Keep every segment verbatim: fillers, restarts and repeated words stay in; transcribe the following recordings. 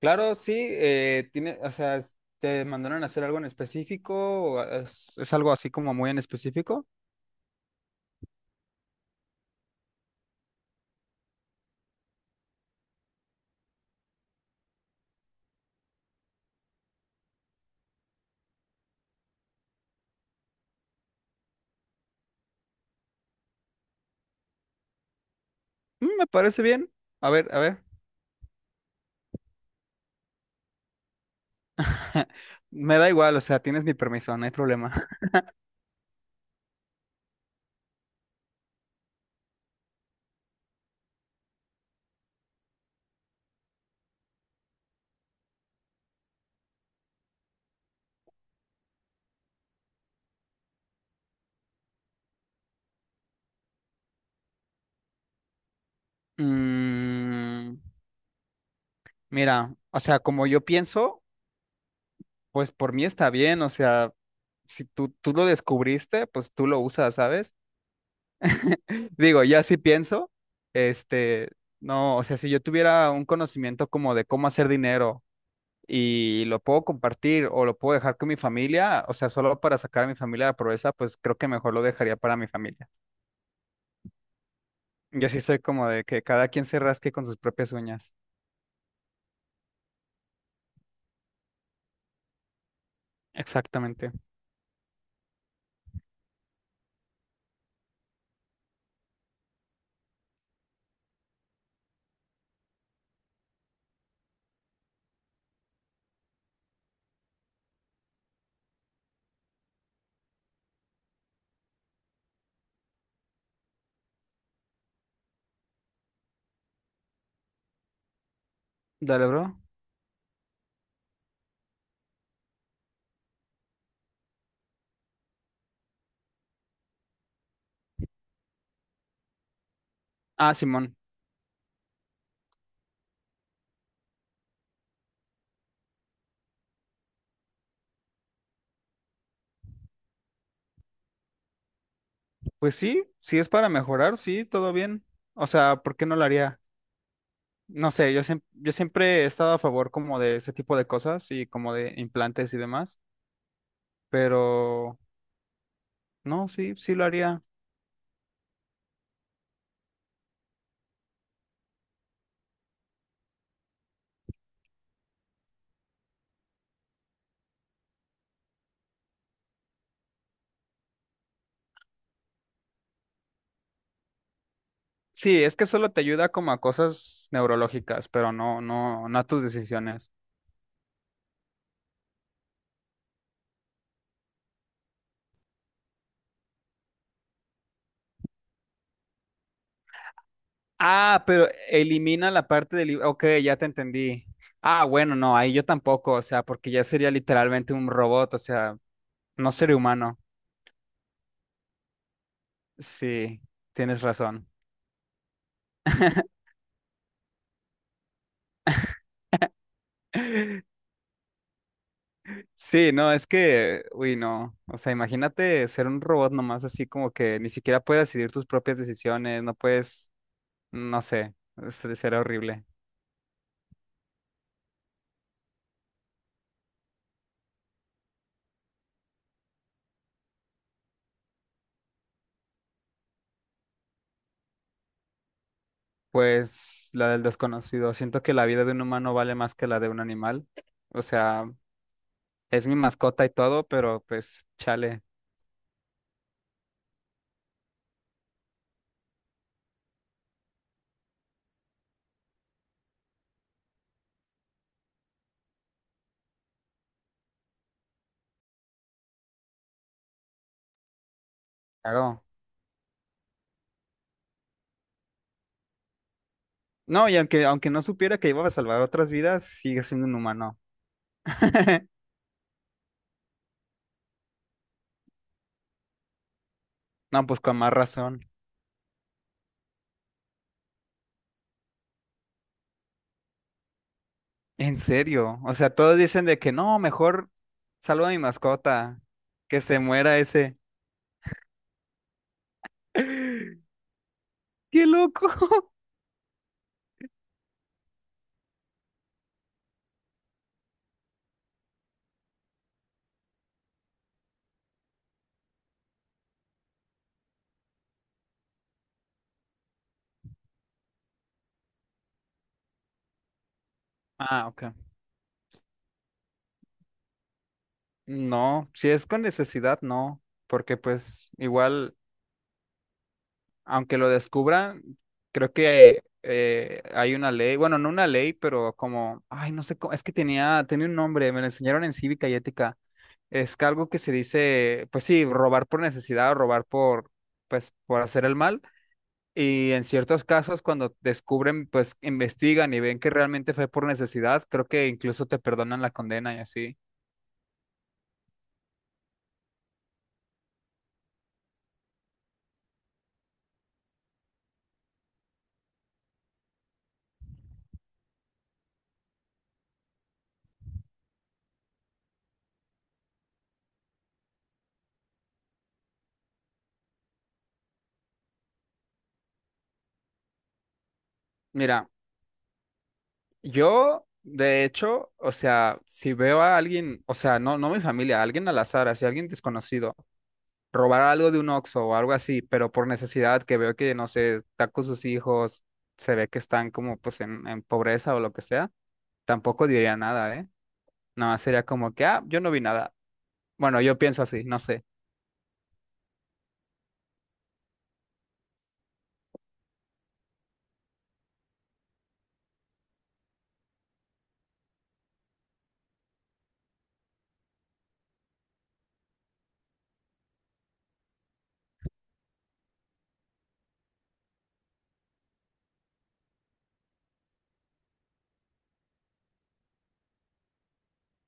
Claro, sí, eh, tiene, o sea, es- ¿te mandaron a hacer algo en específico? ¿O ¿Es, es algo así como muy en específico? Mm, me parece bien. A ver, a ver. Me da igual, o sea, tienes mi permiso, no hay problema. Mm, mira, o sea, como yo pienso, pues por mí está bien, o sea, si tú, tú lo descubriste, pues tú lo usas, ¿sabes? Digo, ya sí pienso, este, no, o sea, si yo tuviera un conocimiento como de cómo hacer dinero y lo puedo compartir o lo puedo dejar con mi familia, o sea, solo para sacar a mi familia de la pobreza, pues creo que mejor lo dejaría para mi familia. Y así soy como de que cada quien se rasque con sus propias uñas. Exactamente. Dale, bro. Ah, Simón. Pues sí, sí es para mejorar, sí, todo bien. O sea, ¿por qué no lo haría? No sé, yo, siem- yo siempre he estado a favor como de ese tipo de cosas y como de implantes y demás, pero no, sí, sí lo haría. Sí, es que solo te ayuda como a cosas neurológicas, pero no, no, no a tus decisiones. Ah, pero elimina la parte del libro. Ok, ya te entendí. Ah, bueno, no, ahí yo tampoco, o sea, porque ya sería literalmente un robot, o sea, no ser humano. Sí, tienes razón. Sí, no, es que, uy, no, o sea, imagínate ser un robot nomás así como que ni siquiera puedes decidir tus propias decisiones, no puedes, no sé, es- será horrible. Pues la del desconocido. Siento que la vida de un humano vale más que la de un animal. O sea, es mi mascota y todo, pero pues chale, hago? No, y aunque, aunque no supiera que iba a salvar otras vidas, sigue siendo un humano. No, pues con más razón. En serio. O sea, todos dicen de que no, mejor salvo a mi mascota, que se muera ese. ¡Qué loco! Ah, ok. No, si es con necesidad, no, porque pues igual. Aunque lo descubran, creo que eh, hay una ley, bueno, no una ley, pero como, ay, no sé cómo, es que tenía, tenía un nombre, me lo enseñaron en cívica y ética. Es que algo que se dice, pues sí, robar por necesidad o robar por, pues, por hacer el mal. Y en ciertos casos, cuando descubren, pues investigan y ven que realmente fue por necesidad, creo que incluso te perdonan la condena y así. Mira, yo, de hecho, o sea, si veo a alguien, o sea, no, no mi familia, alguien al azar, así, alguien desconocido robar algo de un Oxxo o algo así, pero por necesidad, que veo que, no sé, está con sus hijos, se ve que están como pues en, en pobreza o lo que sea, tampoco diría nada, ¿eh? Nada más sería como que, ah, yo no vi nada. Bueno, yo pienso así, no sé.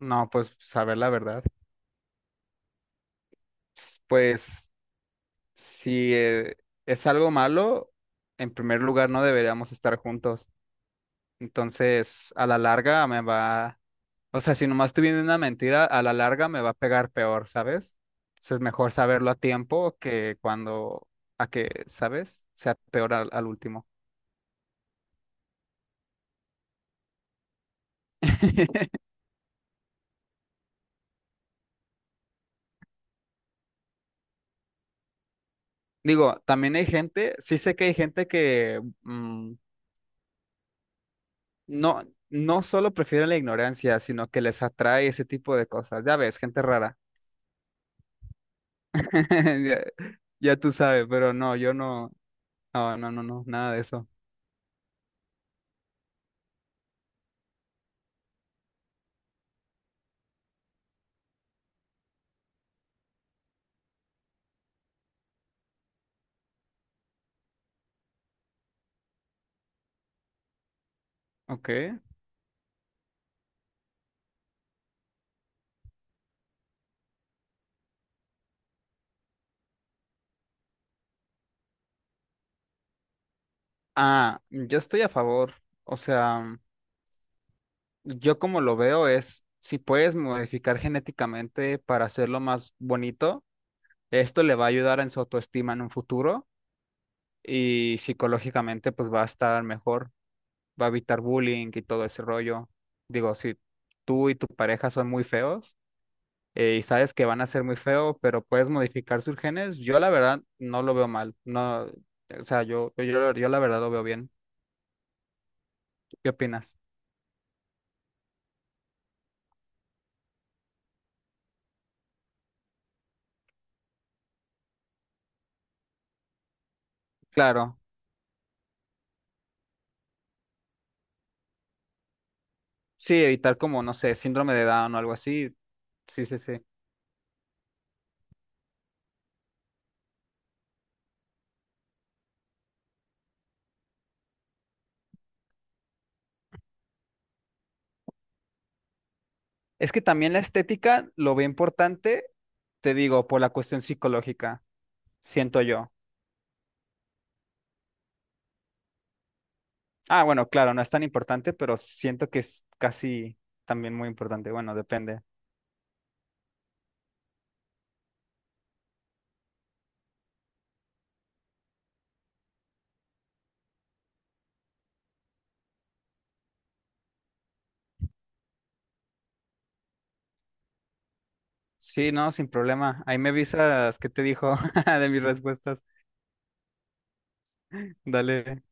No, pues saber la verdad. S- Pues si eh, es algo malo, en primer lugar no deberíamos estar juntos. Entonces, a la larga me va. O sea, si nomás estoy viendo una mentira, a la larga me va a pegar peor, ¿sabes? Entonces es mejor saberlo a tiempo que cuando, a que, ¿sabes? Sea peor al, al último. Digo, también hay gente, sí sé que hay gente que mm, no, no solo prefiere la ignorancia, sino que les atrae ese tipo de cosas. Ya ves, gente rara. Ya, ya tú sabes, pero no, yo no, no, no, no, no, nada de eso. Ok. Ah, yo estoy a favor. O sea. Yo como lo veo es, si puedes modificar genéticamente para hacerlo más bonito, esto le va a ayudar en su autoestima en un futuro y psicológicamente pues va a estar mejor, va a evitar bullying y todo ese rollo. Digo, si tú y tu pareja son muy feos eh, y sabes que van a ser muy feos, pero puedes modificar sus genes, yo la verdad no lo veo mal. No, o sea, yo, yo, yo la verdad lo veo bien. ¿Qué opinas? Claro, sí, evitar como, no sé, síndrome de Down o algo así. Sí, sí, sí. Es que también la estética lo ve importante, te digo, por la cuestión psicológica, siento yo. Ah, bueno, claro, no es tan importante, pero siento que es casi también muy importante. Bueno, depende. Sí, no, sin problema. Ahí me avisas qué te dijo de mis respuestas. Dale.